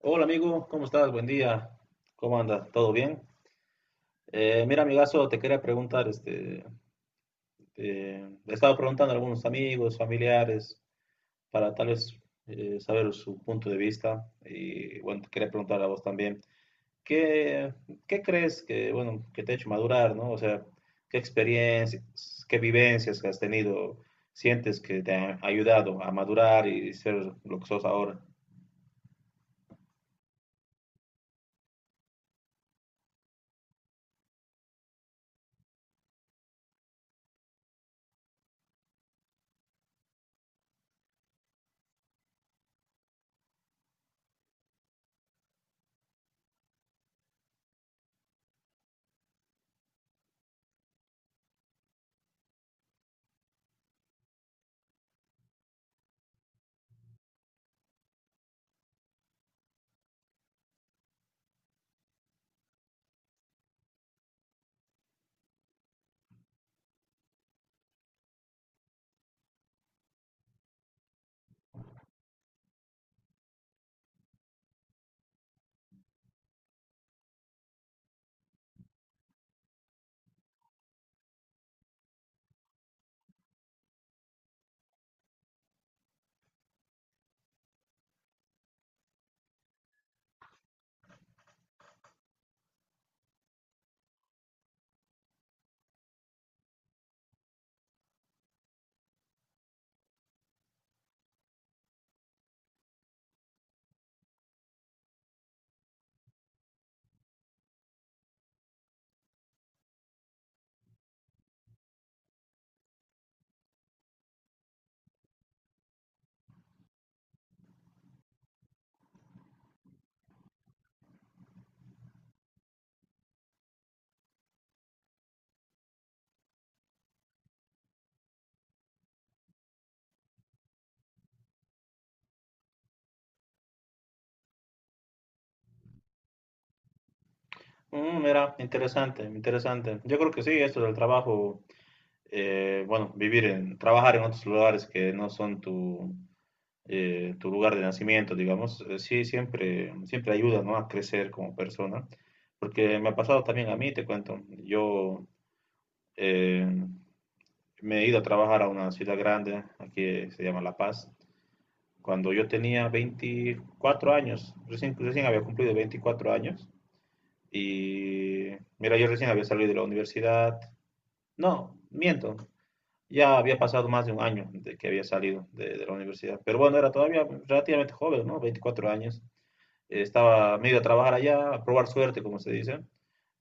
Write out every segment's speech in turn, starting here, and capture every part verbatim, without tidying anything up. Hola amigo, ¿cómo estás? Buen día. ¿Cómo andas? ¿Todo bien? Eh, mira, amigazo, te quería preguntar, este, eh, le estaba preguntando a algunos amigos, familiares, para tal vez eh, saber su punto de vista y bueno, te quería preguntar a vos también, ¿qué, ¿qué crees que, bueno, que te ha hecho madurar, ¿no? O sea, ¿qué experiencias, qué vivencias que has tenido sientes que te han ayudado a madurar y ser lo que sos ahora? Mm, mira, interesante, interesante. Yo creo que sí, esto del trabajo, eh, bueno, vivir en, trabajar en otros lugares que no son tu, eh, tu lugar de nacimiento, digamos, eh, sí, siempre, siempre ayuda, ¿no? A crecer como persona. Porque me ha pasado también a mí, te cuento, yo eh, me he ido a trabajar a una ciudad grande, aquí eh, se llama La Paz, cuando yo tenía veinticuatro años, recién, recién había cumplido veinticuatro años. Y mira, yo recién había salido de la universidad. No, miento. Ya había pasado más de un año de que había salido de, de la universidad. Pero bueno, era todavía relativamente joven, ¿no? veinticuatro años. Eh, Estaba medio a trabajar allá, a probar suerte, como se dice.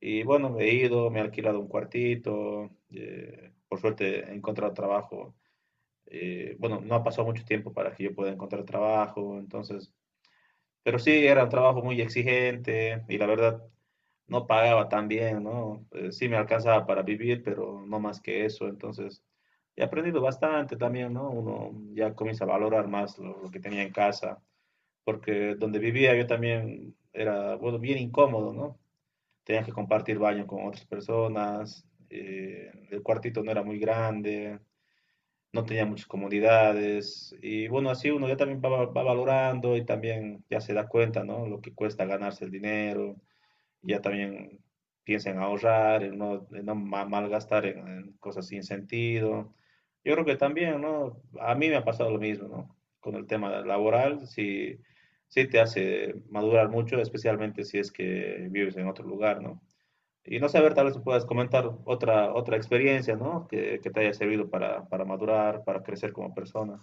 Y bueno, he ido, me he alquilado un cuartito. Eh, por suerte he encontrado trabajo. Eh, bueno, no ha pasado mucho tiempo para que yo pueda encontrar trabajo. Entonces, pero sí, era un trabajo muy exigente y la verdad no pagaba tan bien, ¿no? Eh, sí me alcanzaba para vivir, pero no más que eso. Entonces, he aprendido bastante también, ¿no? Uno ya comienza a valorar más lo, lo que tenía en casa, porque donde vivía yo también era, bueno, bien incómodo, ¿no? Tenía que compartir baño con otras personas, eh, el cuartito no era muy grande, no tenía muchas comodidades y bueno, así uno ya también va, va valorando y también ya se da cuenta, ¿no? Lo que cuesta ganarse el dinero, ya también piensa en ahorrar, en no, en no ma- malgastar en, en cosas sin sentido. Yo creo que también, ¿no? A mí me ha pasado lo mismo, ¿no? Con el tema laboral, sí, sí te hace madurar mucho, especialmente si es que vives en otro lugar, ¿no? Y no sé, a ver, tal vez me puedas comentar otra, otra experiencia, ¿no? Que, que te haya servido para, para madurar, para crecer como persona.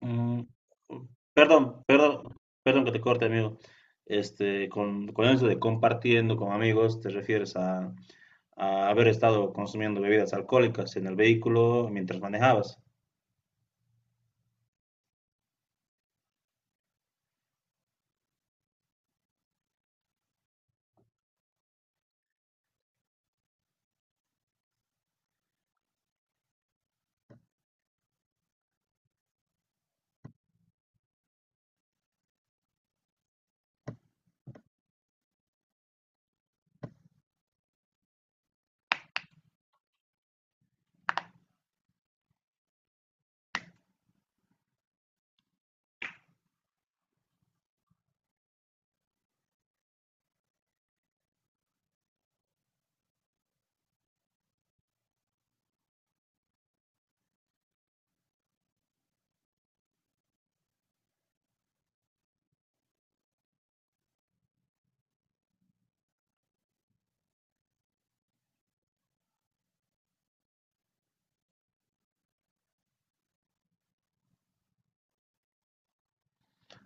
Mm, perdón, perdón, perdón que te corte, amigo. Este, con, con eso de compartiendo con amigos, te refieres a, a haber estado consumiendo bebidas alcohólicas en el vehículo mientras manejabas.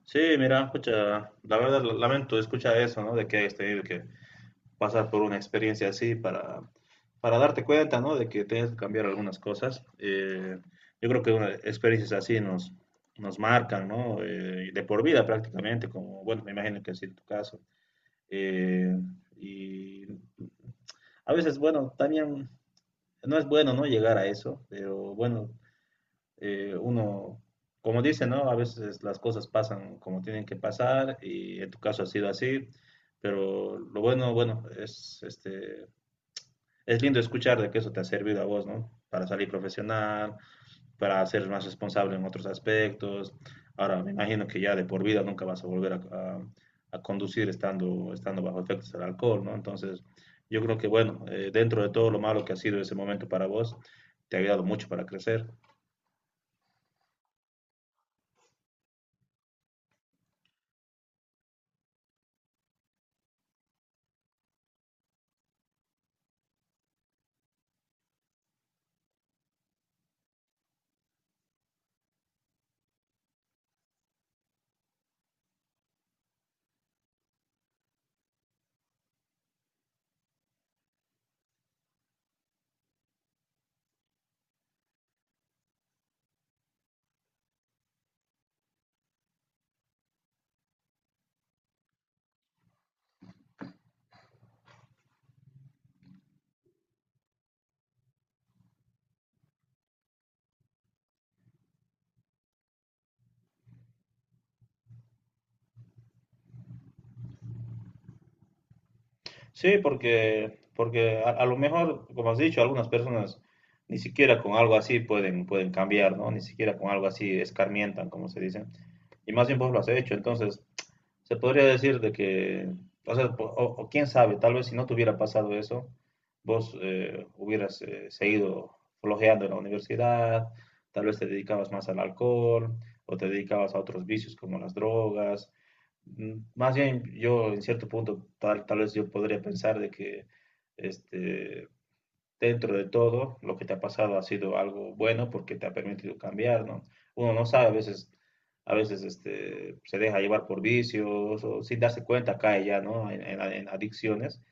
Sí, mira, escucha, la verdad lamento escuchar eso, ¿no? De que hayas tenido que pasar por una experiencia así para, para darte cuenta, ¿no? De que tienes que cambiar algunas cosas. Eh, yo creo que una, experiencias así nos, nos marcan, ¿no? Eh, de por vida prácticamente, como, bueno, me imagino que así en tu caso. Eh, y a veces, bueno, también no es bueno, ¿no? Llegar a eso, pero bueno, eh, uno como dicen, ¿no? A veces las cosas pasan como tienen que pasar y en tu caso ha sido así, pero lo bueno, bueno, es este, es lindo escuchar de que eso te ha servido a vos, ¿no? Para salir profesional, para ser más responsable en otros aspectos. Ahora, me imagino que ya de por vida nunca vas a volver a, a, a conducir estando, estando bajo efectos del alcohol, ¿no? Entonces, yo creo que, bueno, eh, dentro de todo lo malo que ha sido ese momento para vos, te ha ayudado mucho para crecer. Sí, porque, porque a, a lo mejor, como has dicho, algunas personas ni siquiera con algo así pueden, pueden cambiar, ¿no? Ni siquiera con algo así escarmientan, como se dice. Y más bien vos lo has hecho, entonces se podría decir de que, o sea, po- o, o quién sabe, tal vez si no te hubiera pasado eso, vos eh, hubieras eh, seguido flojeando en la universidad, tal vez te dedicabas más al alcohol o te dedicabas a otros vicios como las drogas. Mm, más bien, yo en cierto punto, tal, tal vez yo podría pensar de que este, dentro de todo, lo que te ha pasado ha sido algo bueno porque te ha permitido cambiar, ¿no? Uno no sabe, a veces, a veces este, se deja llevar por vicios o sin darse cuenta cae ya, ¿no? En, en- en adicciones.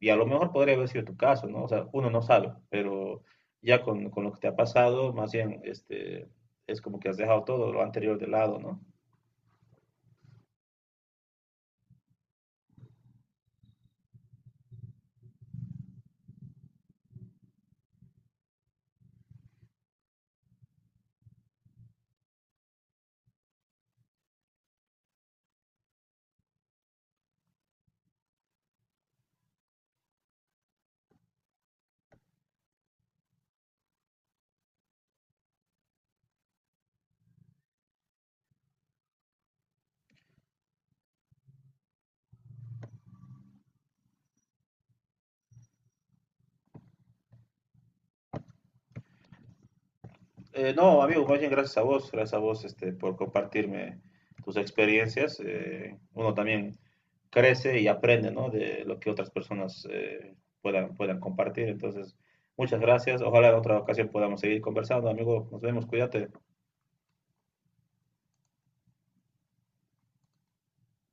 Y a lo mejor podría haber sido tu caso, ¿no? O sea, uno no sabe, pero ya con, con lo que te ha pasado, más bien, este, es como que has dejado todo lo anterior de lado, ¿no? Eh, no, amigo, más bien gracias a vos, gracias a vos este, por compartirme tus experiencias. Eh, uno también crece y aprende, ¿no? De lo que otras personas eh, puedan, puedan compartir. Entonces, muchas gracias. Ojalá en otra ocasión podamos seguir conversando, amigo. Nos vemos, cuídate.